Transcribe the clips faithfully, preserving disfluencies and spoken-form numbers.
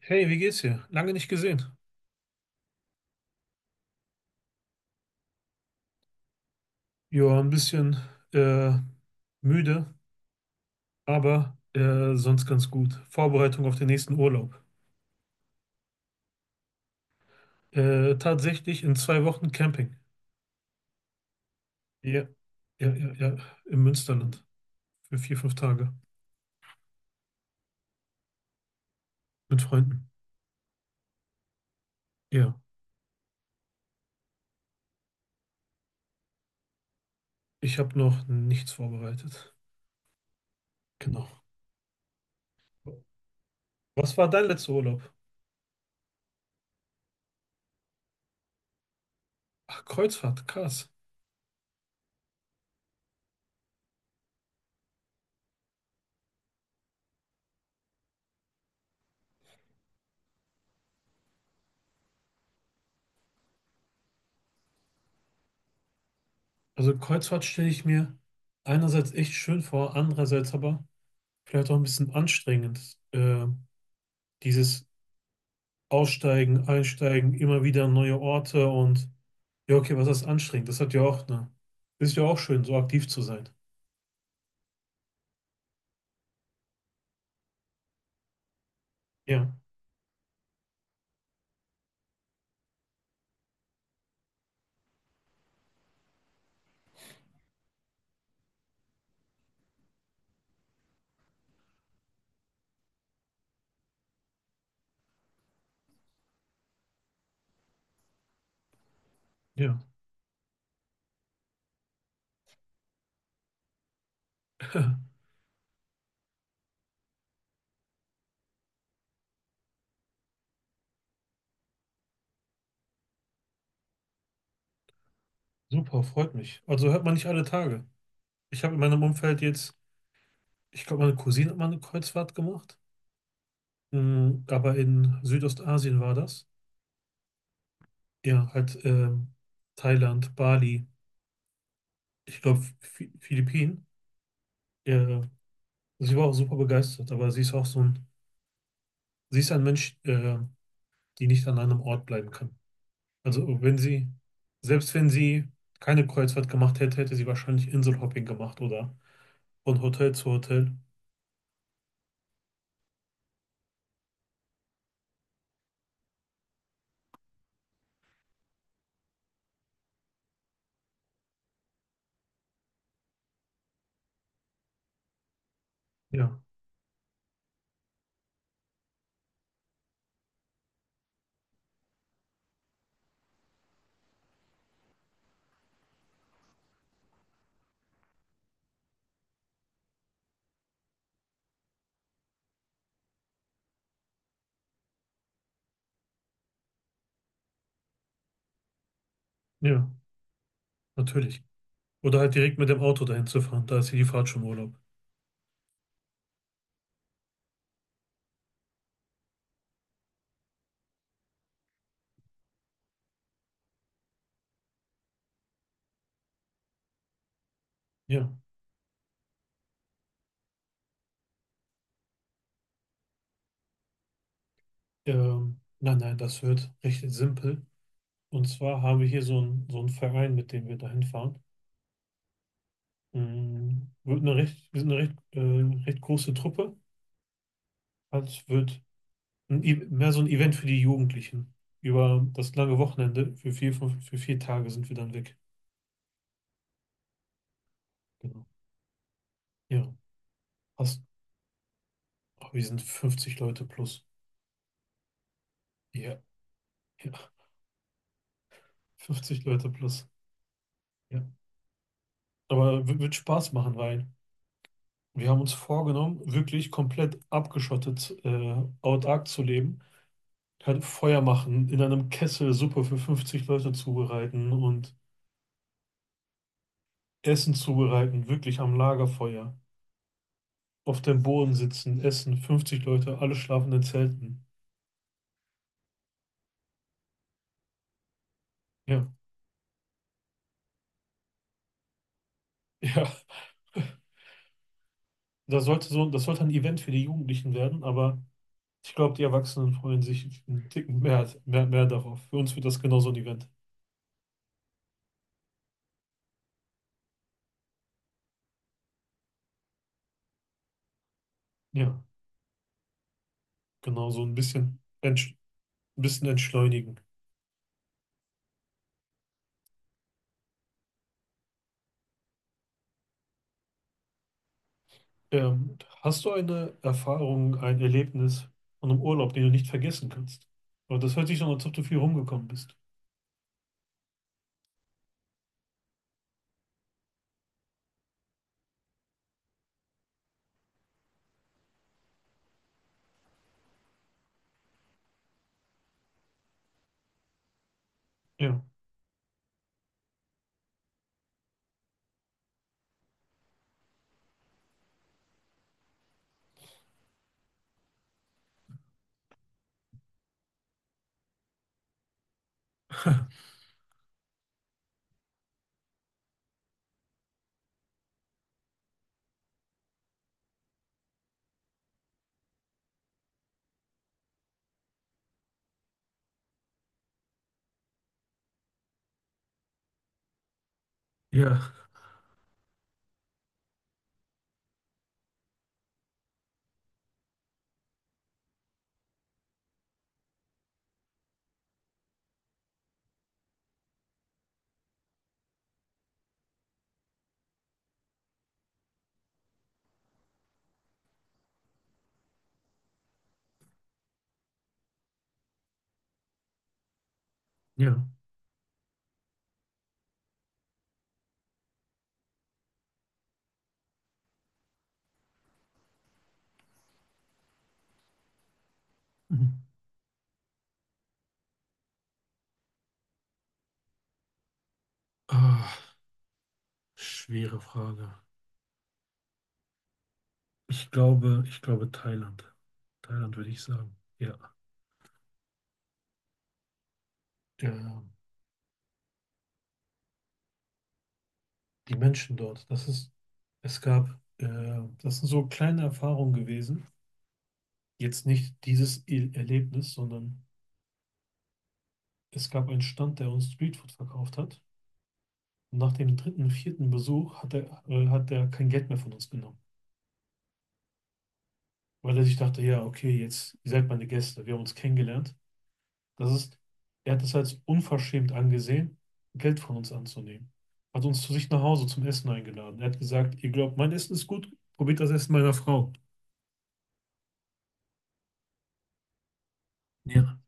Hey, wie geht's dir? Lange nicht gesehen. Ja, ein bisschen äh, müde, aber äh, sonst ganz gut. Vorbereitung auf den nächsten Urlaub. Äh, tatsächlich in zwei Wochen Camping. Ja, ja, ja, ja, im Münsterland für vier, fünf Tage mit Freunden. Ja, ich habe noch nichts vorbereitet. Genau. Was war dein letzter Urlaub? Ach, Kreuzfahrt, krass. Also Kreuzfahrt stelle ich mir einerseits echt schön vor, andererseits aber vielleicht auch ein bisschen anstrengend. Äh, Dieses Aussteigen, Einsteigen, immer wieder neue Orte, und ja, okay, was ist anstrengend? Das hat ja auch eine, ist ja auch schön, so aktiv zu sein. Ja, ja, super, freut mich. Also hört man nicht alle Tage. Ich habe in meinem Umfeld jetzt, ich glaube, meine Cousine hat mal eine Kreuzfahrt gemacht. Mm, aber in Südostasien war das. Ja, halt ähm, Thailand, Bali, ich glaube, Phi- Philippinen. Ja, sie war auch super begeistert, aber sie ist auch so ein, sie ist ein Mensch, äh, die nicht an einem Ort bleiben kann. Also wenn sie, selbst wenn sie keine Kreuzfahrt gemacht hätte, hätte sie wahrscheinlich Inselhopping gemacht oder von Hotel zu Hotel. Ja, ja, natürlich. Oder halt direkt mit dem Auto dahin zu fahren, da ist ja die Fahrt schon Urlaub. Ja, ähm, nein, nein, das wird recht simpel. Und zwar haben wir hier so einen so einen Verein, mit dem wir dahin fahren. Mm, Wird eine recht, wir sind eine recht, äh, recht große Truppe. Also es wird ein, E- mehr so ein Event für die Jugendlichen. Über das lange Wochenende, für vier, fünf, für vier Tage sind wir dann weg. Genau. Ja, passt. Oh, wir sind fünfzig Leute plus. Ja, ja, fünfzig Leute plus. Ja. Aber w- wird Spaß machen, weil wir haben uns vorgenommen, wirklich komplett abgeschottet, äh, autark zu leben. Halt Feuer machen, in einem Kessel Suppe für fünfzig Leute zubereiten und Essen zubereiten, wirklich am Lagerfeuer. Auf dem Boden sitzen, essen, fünfzig Leute, alle schlafen in Zelten. Ja, ja. Das sollte so, das sollte ein Event für die Jugendlichen werden, aber. Ich glaube, die Erwachsenen freuen sich einen Ticken mehr, mehr, mehr darauf. Für uns wird das genau so ein Event. Ja, genau so ein bisschen, entsch ein bisschen entschleunigen. Ähm, hast du eine Erfahrung, ein Erlebnis von einem Urlaub, den du nicht vergessen kannst? Aber das hört sich so an, als ob du viel rumgekommen bist. Ja, ja, ja. Mhm. Ah, schwere Frage. Ich glaube, ich glaube Thailand. Thailand würde ich sagen. Ja. Ja, die Menschen dort. Das ist, es gab, äh, Das sind so kleine Erfahrungen gewesen. Jetzt nicht dieses E- Erlebnis, sondern es gab einen Stand, der uns Streetfood verkauft hat. Und nach dem dritten, vierten Besuch hat er, äh, hat er kein Geld mehr von uns genommen, weil er sich dachte, ja, okay, jetzt, ihr seid meine Gäste, wir haben uns kennengelernt. Das ist, Er hat es als unverschämt angesehen, Geld von uns anzunehmen. Hat uns zu sich nach Hause zum Essen eingeladen. Er hat gesagt, ihr glaubt, mein Essen ist gut, probiert das Essen meiner Frau. Ja.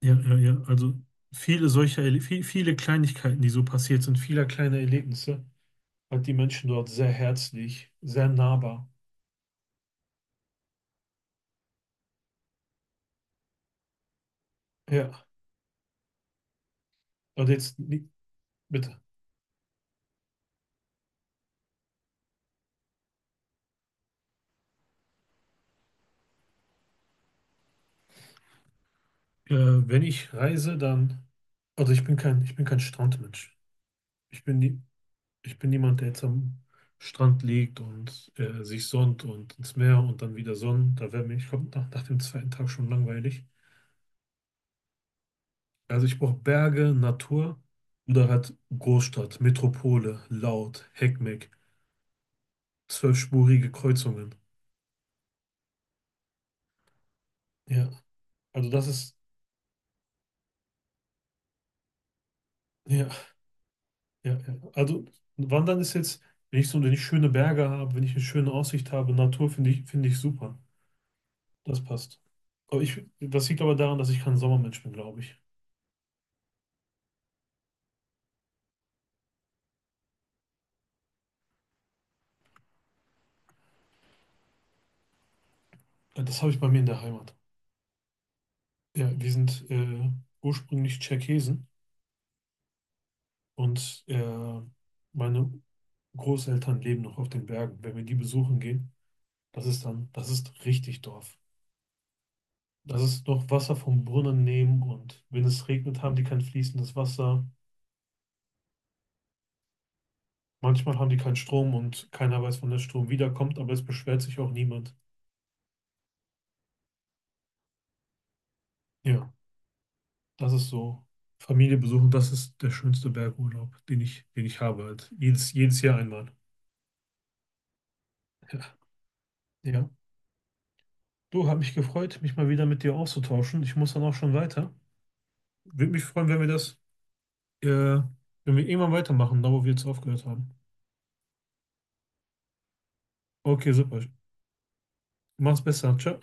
Ja, ja, ja. Also viele solcher, Erle- viel, viele Kleinigkeiten, die so passiert sind, viele kleine Erlebnisse, hat die Menschen dort sehr herzlich, sehr nahbar. Ja. Und jetzt, ni- bitte. Äh, Wenn ich reise, dann, also ich bin kein, ich bin kein Strandmensch. Ich bin nie, Ich bin niemand, der jetzt am Strand liegt und äh, sich sonnt und ins Meer und dann wieder sonnt. Da wäre mir, ich glaube, nach, nach dem zweiten Tag schon langweilig. Also ich brauche Berge, Natur oder halt Großstadt, Metropole, laut, Heckmeck, zwölfspurige Kreuzungen. Ja, also das ist, ja, ja, ja. Also Wandern ist jetzt, wenn ich so, wenn ich schöne Berge habe, wenn ich eine schöne Aussicht habe, Natur finde ich, finde ich super. Das passt. Aber ich, das liegt aber daran, dass ich kein Sommermensch bin, glaube ich. Das habe ich bei mir in der Heimat. Ja, wir sind äh, ursprünglich Tscherkesen. Und äh, meine Großeltern leben noch auf den Bergen. Wenn wir die besuchen gehen, das ist dann, das ist richtig Dorf. Das ist noch Wasser vom Brunnen nehmen, und wenn es regnet, haben die kein fließendes Wasser. Manchmal haben die keinen Strom und keiner weiß, wann der Strom wiederkommt, aber es beschwert sich auch niemand. Ja, das ist so. Familie besuchen, das ist der schönste Bergurlaub, den ich, den ich habe halt. Jedes, jedes Jahr einmal. Ja. Ja. Du, hat mich gefreut, mich mal wieder mit dir auszutauschen. Ich muss dann auch schon weiter. Würde mich freuen, wenn wir das Äh, wenn wir irgendwann weitermachen, da wo wir jetzt aufgehört haben. Okay, super. Mach's besser. Ciao.